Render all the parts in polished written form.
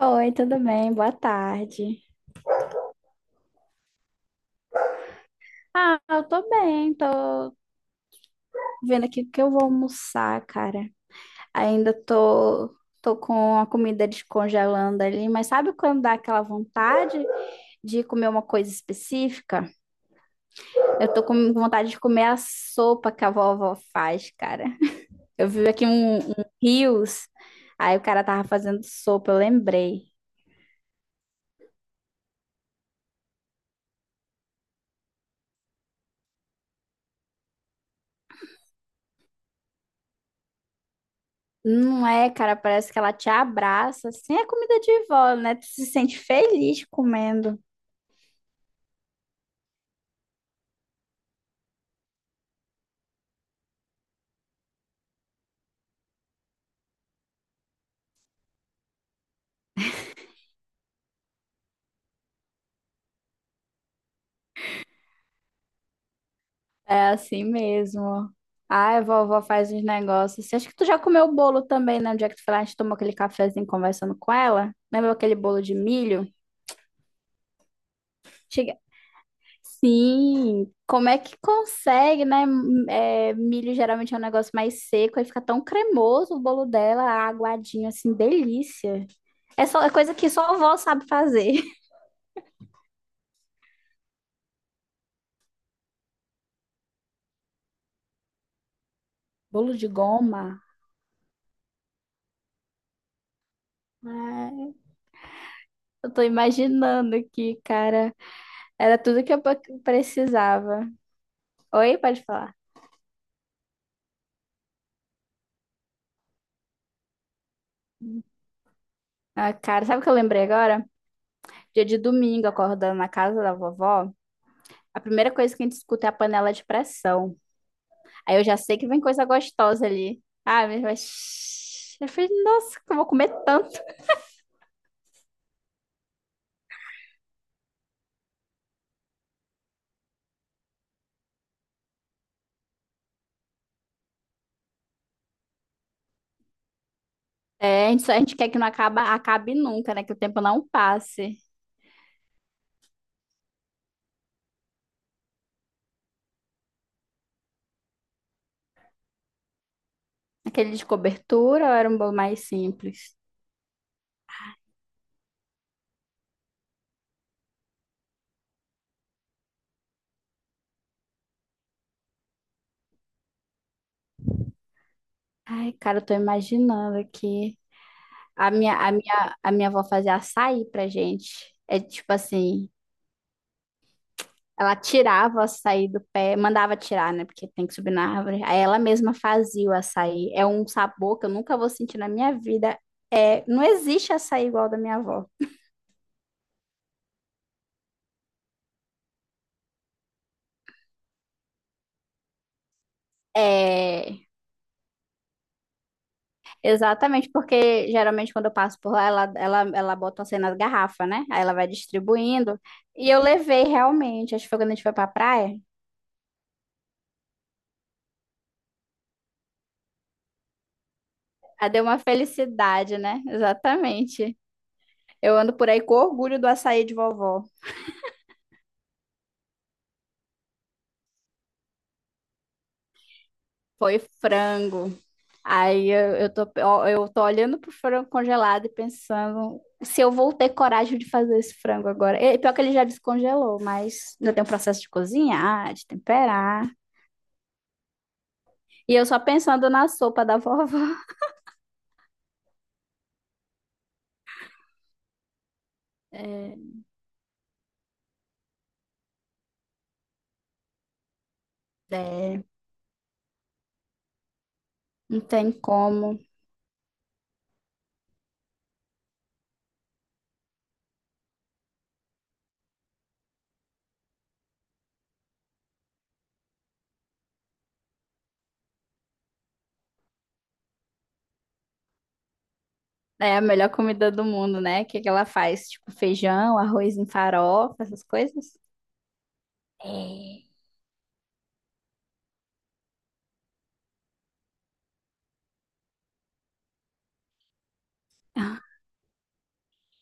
Oi, tudo bem? Boa tarde. Ah, eu tô bem, tô vendo aqui o que eu vou almoçar, cara. Ainda tô, tô com a comida descongelando ali, mas sabe quando dá aquela vontade de comer uma coisa específica? Eu tô com vontade de comer a sopa que a vovó faz, cara. Eu vi aqui um Reels, aí o cara tava fazendo sopa, eu lembrei. Não é, cara, parece que ela te abraça, assim, é comida de vó, né? Tu se sente feliz comendo. É assim mesmo. Ai, vovó faz uns negócios assim. Acho que tu já comeu o bolo também, né? No dia que tu foi lá, a gente tomou aquele cafezinho conversando com ela. Lembra aquele bolo de milho? Chega... Sim, como é que consegue, né? É, milho geralmente é um negócio mais seco, aí fica tão cremoso o bolo dela, aguadinho, assim, delícia. É só é coisa que só a vovó sabe fazer. Bolo de goma. Ai, eu tô imaginando aqui, cara. Era tudo que eu precisava. Oi, pode falar. Ah, cara, sabe o que eu lembrei agora? Dia de domingo, acordando na casa da vovó, a primeira coisa que a gente escuta é a panela de pressão. Aí eu já sei que vem coisa gostosa ali. Ah, Eu falei, nossa, que eu vou comer tanto. É, a gente quer que não acabe nunca, né? Que o tempo não passe. Aquele de cobertura ou era um bolo mais simples? Ai, cara, eu tô imaginando aqui. A minha avó fazia açaí pra gente. É tipo assim... Ela tirava o açaí do pé, mandava tirar, né? Porque tem que subir na árvore. Aí ela mesma fazia o açaí. É um sabor que eu nunca vou sentir na minha vida. É, não existe açaí igual ao da minha avó. É, exatamente, porque geralmente quando eu passo por lá, ela bota assim nas garrafas, né? Aí ela vai distribuindo. E eu levei realmente, acho que foi quando a gente foi pra praia. Aí deu uma felicidade, né? Exatamente. Eu ando por aí com orgulho do açaí de vovó. Foi frango. Aí eu tô, ó, eu tô olhando pro frango congelado e pensando se eu vou ter coragem de fazer esse frango agora. E, pior que ele já descongelou, mas ainda tem um processo de cozinhar, de temperar. E eu só pensando na sopa da vovó. É, é, não tem como. É a melhor comida do mundo, né? O que que ela faz? Tipo, feijão, arroz em farofa, essas coisas? É.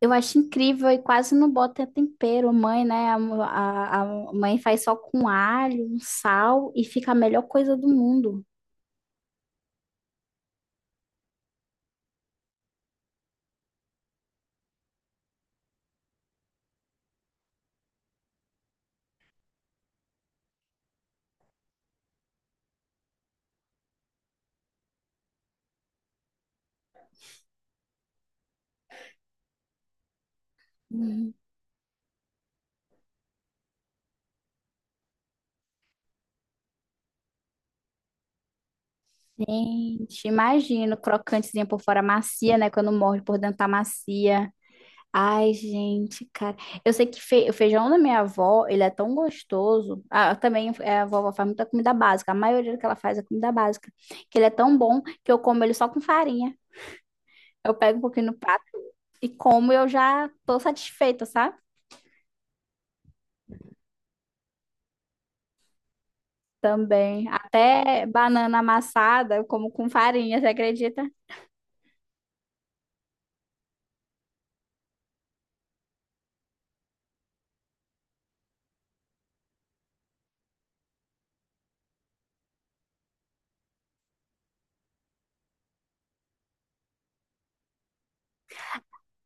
Eu acho incrível e quase não bota tempero. Mãe, né? A mãe faz só com alho, um sal e fica a melhor coisa do mundo. Uhum. Gente, imagina, crocantezinha por fora macia, né? Quando morde por dentro tá macia. Ai, gente, cara. Eu sei que o feijão da minha avó, ele é tão gostoso. Ah, também é, a vovó faz muita comida básica. A maioria do que ela faz é comida básica. Que ele é tão bom que eu como ele só com farinha. Eu pego um pouquinho no prato e como eu já tô satisfeita, sabe? Também. Até banana amassada, eu como com farinha, você acredita?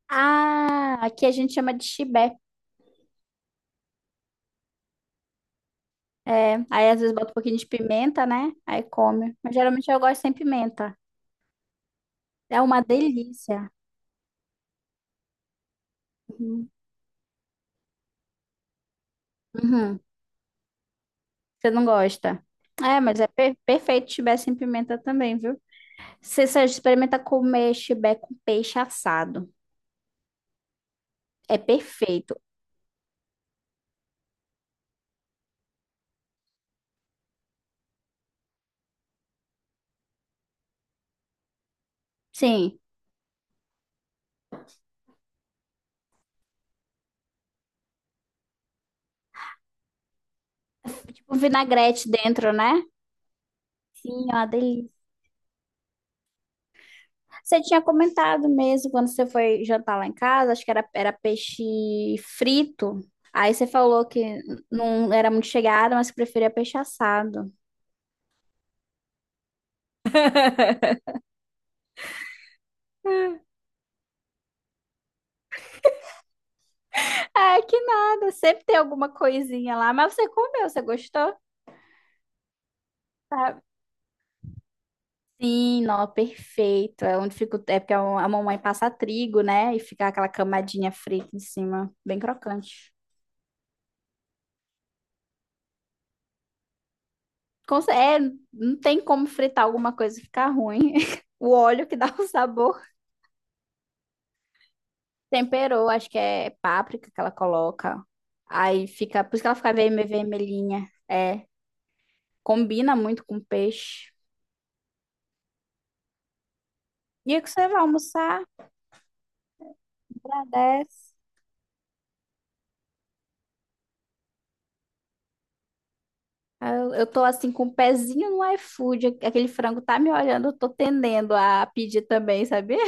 Ah, aqui a gente chama de chibé. É, aí às vezes bota um pouquinho de pimenta, né? Aí come. Mas geralmente eu gosto sem pimenta. É uma delícia. Uhum. Uhum. Você não gosta? É, mas é perfeito chibé sem pimenta também, viu? Se você só experimenta comer chibé com peixe assado. É perfeito. Sim. O vinagrete dentro, né? Sim, é delícia. Você tinha comentado mesmo quando você foi jantar lá em casa, acho que era peixe frito. Aí você falou que não era muito chegada, mas que preferia peixe assado. Ah, que nada, sempre tem alguma coisinha lá, mas você comeu, você gostou? Tá. Sim, não, perfeito. É onde fica, é porque a mamãe passa trigo, né? E fica aquela camadinha frita em cima, bem crocante. É, não tem como fritar alguma coisa e ficar ruim. O óleo que dá o sabor. Temperou, acho que é páprica que ela coloca. Aí fica, por isso que ela fica vermelhinha. É, combina muito com peixe. E o que você vai almoçar? Agradece. Aí eu tô assim com o pezinho no iFood. Aquele frango tá me olhando, eu tô tendendo a pedir também, sabia?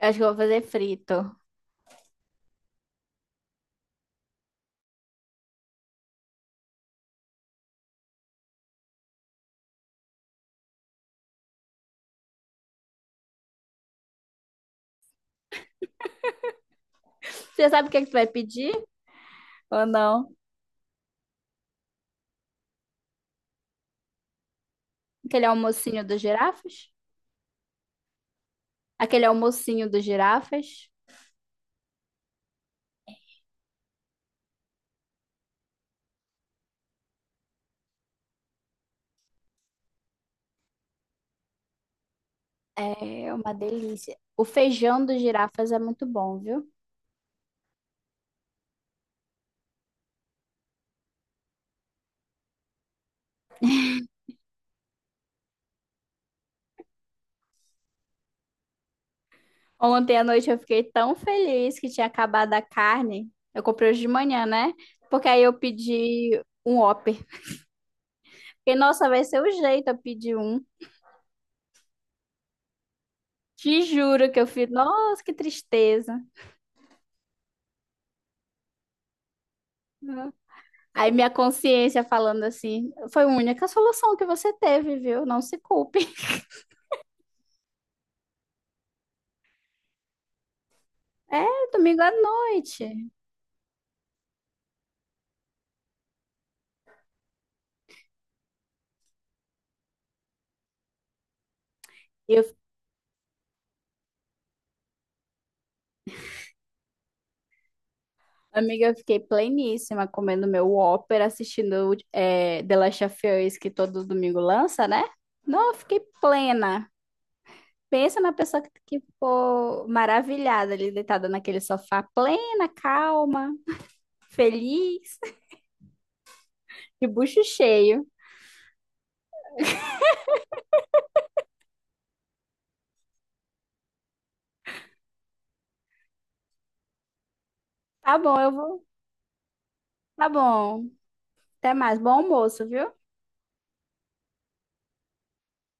Eu acho que eu vou fazer frito. Você sabe o que é que tu vai pedir ou não? Aquele almocinho dos girafas? Aquele almocinho dos girafas é uma delícia. O feijão dos girafas é muito bom, viu? Ontem à noite eu fiquei tão feliz que tinha acabado a carne. Eu comprei hoje de manhã, né? Porque aí eu pedi um Whopper. Fiquei, nossa, vai ser o jeito eu pedir um. Te juro que eu fiz, nossa, que tristeza. Aí minha consciência falando assim, foi a única solução que você teve, viu? Não se culpe. É, domingo à noite. Eu Amiga, eu fiquei pleníssima comendo meu Whopper, assistindo The Last of Us, que todo domingo lança, né? Não, eu fiquei plena. Pensa na pessoa que ficou maravilhada ali, deitada naquele sofá, plena, calma, feliz, de bucho cheio. Tá bom, eu vou. Tá bom. Até mais. Bom almoço, viu?